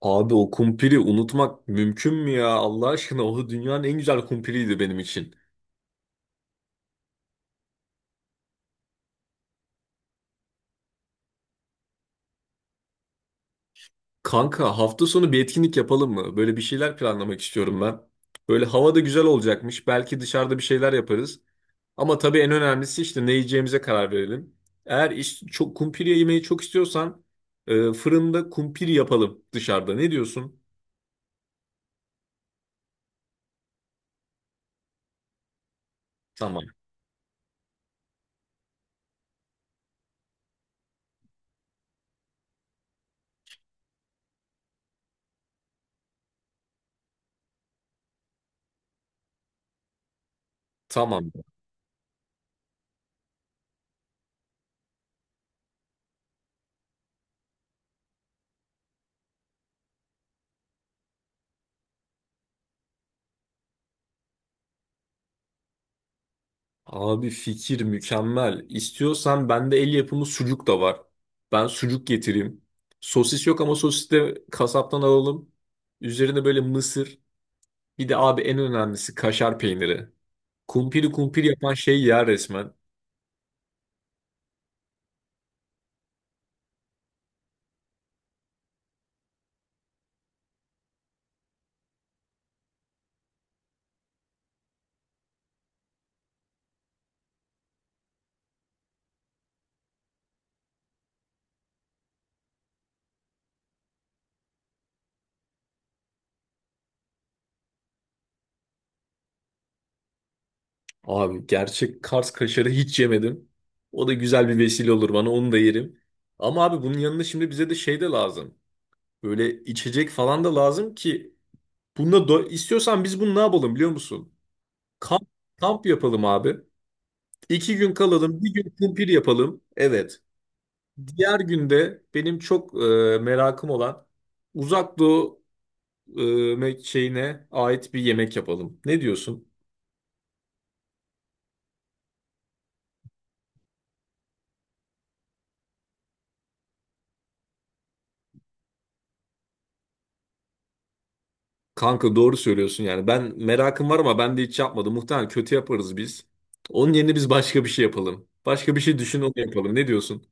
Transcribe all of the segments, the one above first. Abi o kumpiri unutmak mümkün mü ya? Allah aşkına o dünyanın en güzel kumpiriydi benim için. Kanka hafta sonu bir etkinlik yapalım mı? Böyle bir şeyler planlamak istiyorum ben. Böyle hava da güzel olacakmış. Belki dışarıda bir şeyler yaparız. Ama tabii en önemlisi işte ne yiyeceğimize karar verelim. Eğer çok kumpiri yemeyi çok istiyorsan fırında kumpiri yapalım dışarıda. Ne diyorsun? Tamam. Tamam. Abi fikir mükemmel. İstiyorsan bende el yapımı sucuk da var. Ben sucuk getireyim. Sosis yok ama sosis de kasaptan alalım. Üzerine böyle mısır. Bir de abi en önemlisi kaşar peyniri. Kumpiri kumpir yapan şey ya resmen. Abi gerçek Kars kaşarı hiç yemedim. O da güzel bir vesile olur bana onu da yerim. Ama abi bunun yanında şimdi bize de şey de lazım. Böyle içecek falan da lazım ki. Bununla istiyorsan biz bunu ne yapalım biliyor musun? Kamp, kamp yapalım abi. İki gün kalalım, bir gün kumpir yapalım. Evet. Diğer günde benim çok merakım olan Uzak Doğu e, şeyine ait bir yemek yapalım. Ne diyorsun? Kanka doğru söylüyorsun yani. Ben merakım var ama ben de hiç yapmadım. Muhtemelen kötü yaparız biz. Onun yerine biz başka bir şey yapalım. Başka bir şey düşün onu yapalım. Ne diyorsun?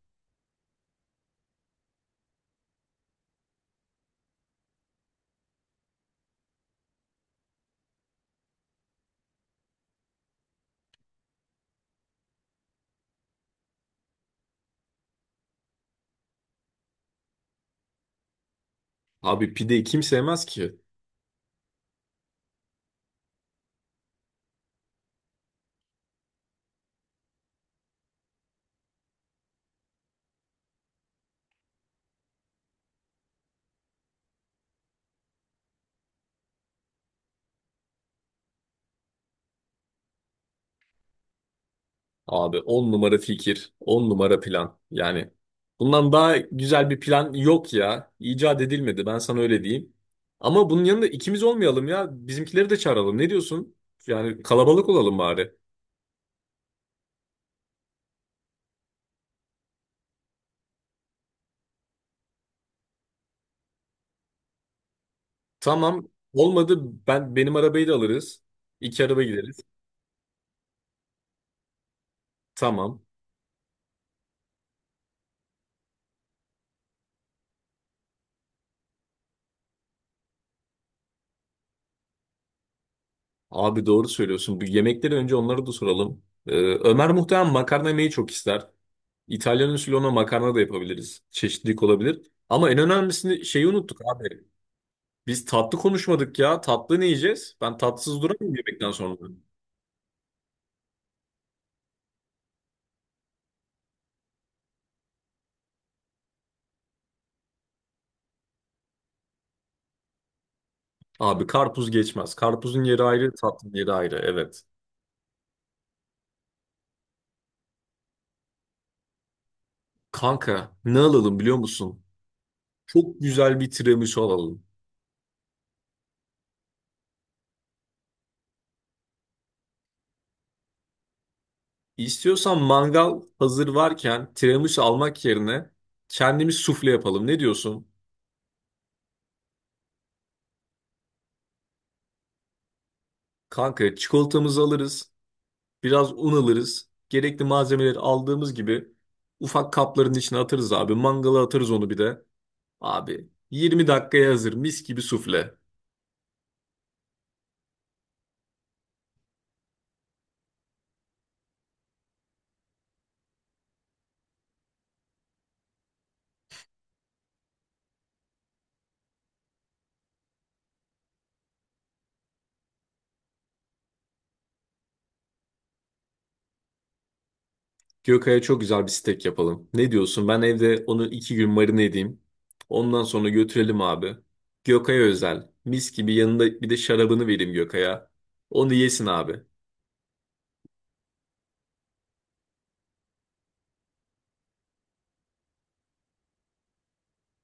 Abi pideyi kim sevmez ki? Abi 10 numara fikir, 10 numara plan. Yani bundan daha güzel bir plan yok ya. İcat edilmedi ben sana öyle diyeyim. Ama bunun yanında ikimiz olmayalım ya. Bizimkileri de çağıralım. Ne diyorsun? Yani kalabalık olalım bari. Tamam. Olmadı ben benim arabayı da alırız. İki araba gideriz. Tamam. Abi doğru söylüyorsun. Bu yemekleri önce onlara da soralım. Ömer muhtemelen makarna yemeyi çok ister. İtalyan usulü ona makarna da yapabiliriz. Çeşitlilik olabilir. Ama en önemlisi şeyi unuttuk abi. Biz tatlı konuşmadık ya. Tatlı ne yiyeceğiz? Ben tatsız duramam yemekten sonra. Abi karpuz geçmez. Karpuzun yeri ayrı, tatlının yeri ayrı. Evet. Kanka ne alalım biliyor musun? Çok güzel bir tiramisu alalım. İstiyorsan mangal hazır varken tiramisu almak yerine kendimiz sufle yapalım. Ne diyorsun? Kanka çikolatamızı alırız. Biraz un alırız. Gerekli malzemeleri aldığımız gibi ufak kapların içine atarız abi. Mangala atarız onu bir de. Abi 20 dakikaya hazır mis gibi sufle. Gökay'a çok güzel bir steak yapalım. Ne diyorsun? Ben evde onu iki gün marine edeyim. Ondan sonra götürelim abi. Gökay'a özel. Mis gibi yanında bir de şarabını vereyim Gökay'a. Onu yesin abi.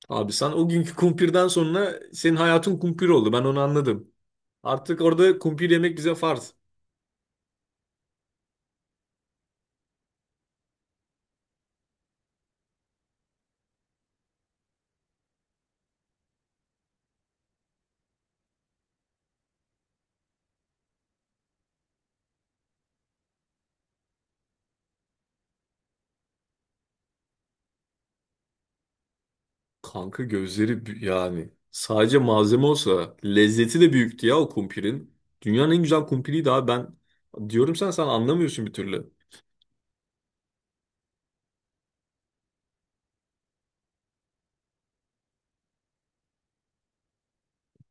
Abi sen o günkü kumpirden sonra senin hayatın kumpir oldu. Ben onu anladım. Artık orada kumpir yemek bize farz. Kanka gözleri yani. Sadece malzeme olsa lezzeti de büyüktü ya o kumpirin. Dünyanın en güzel kumpiriydi abi ben. Diyorum sen anlamıyorsun bir türlü.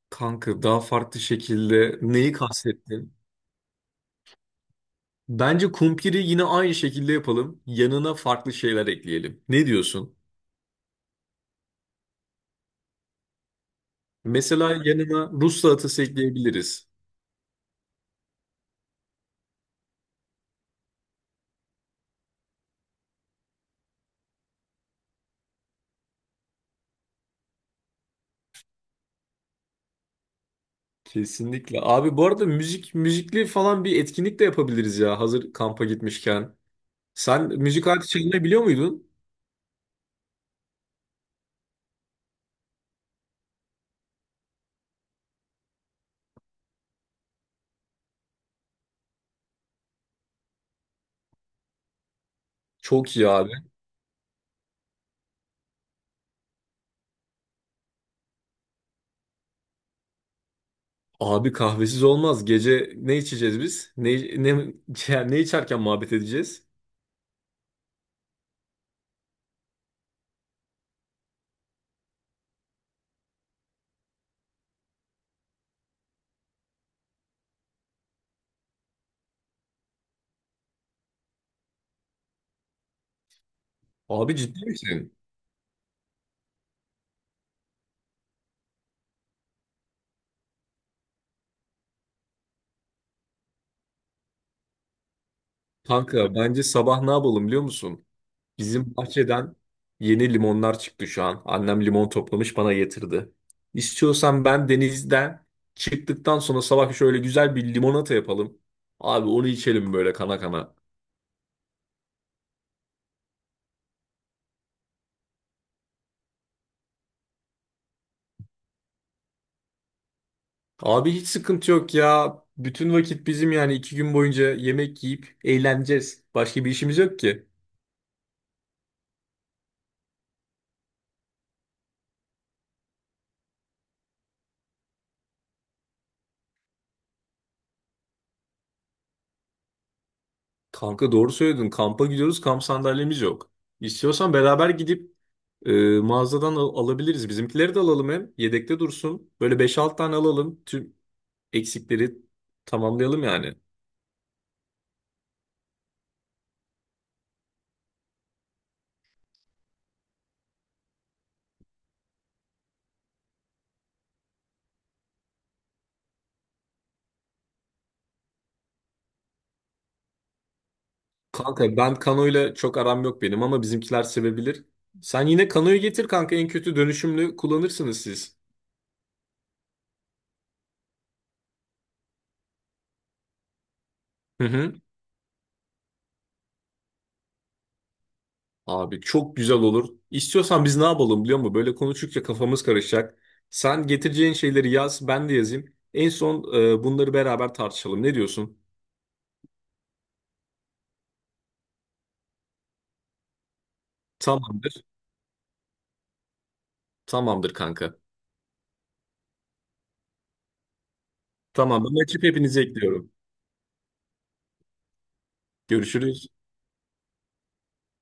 Kanka daha farklı şekilde neyi kastettin? Bence kumpiri yine aynı şekilde yapalım. Yanına farklı şeyler ekleyelim. Ne diyorsun? Mesela yanına Rus salatası ekleyebiliriz. Kesinlikle. Abi bu arada müzikli falan bir etkinlik de yapabiliriz ya hazır kampa gitmişken. Sen müzik aleti çalmayı biliyor muydun? Çok iyi abi. Abi kahvesiz olmaz. Gece ne içeceğiz biz? Ne yani ne içerken muhabbet edeceğiz? Abi ciddi misin? Kanka bence sabah ne yapalım biliyor musun? Bizim bahçeden yeni limonlar çıktı şu an. Annem limon toplamış bana getirdi. İstiyorsan ben denizden çıktıktan sonra sabah şöyle güzel bir limonata yapalım. Abi onu içelim böyle kana kana. Abi hiç sıkıntı yok ya. Bütün vakit bizim yani iki gün boyunca yemek yiyip eğleneceğiz. Başka bir işimiz yok ki. Kanka doğru söyledin. Kampa gidiyoruz. Kamp sandalyemiz yok. İstiyorsan beraber gidip e, mağazadan alabiliriz. Bizimkileri de alalım hem. Yedekte dursun. Böyle beş 6 tane alalım. Tüm eksikleri tamamlayalım yani. Kanka ben Kano'yla çok aram yok benim ama bizimkiler sevebilir. Sen yine Kano'yu getir kanka en kötü dönüşümlü kullanırsınız siz. Hı hı. Abi çok güzel olur. İstiyorsan biz ne yapalım biliyor musun? Böyle konuştukça kafamız karışacak. Sen getireceğin şeyleri yaz, ben de yazayım. En son bunları beraber tartışalım. Ne diyorsun? Tamamdır. Tamamdır kanka. Tamam ben açıp hepinizi ekliyorum. Görüşürüz.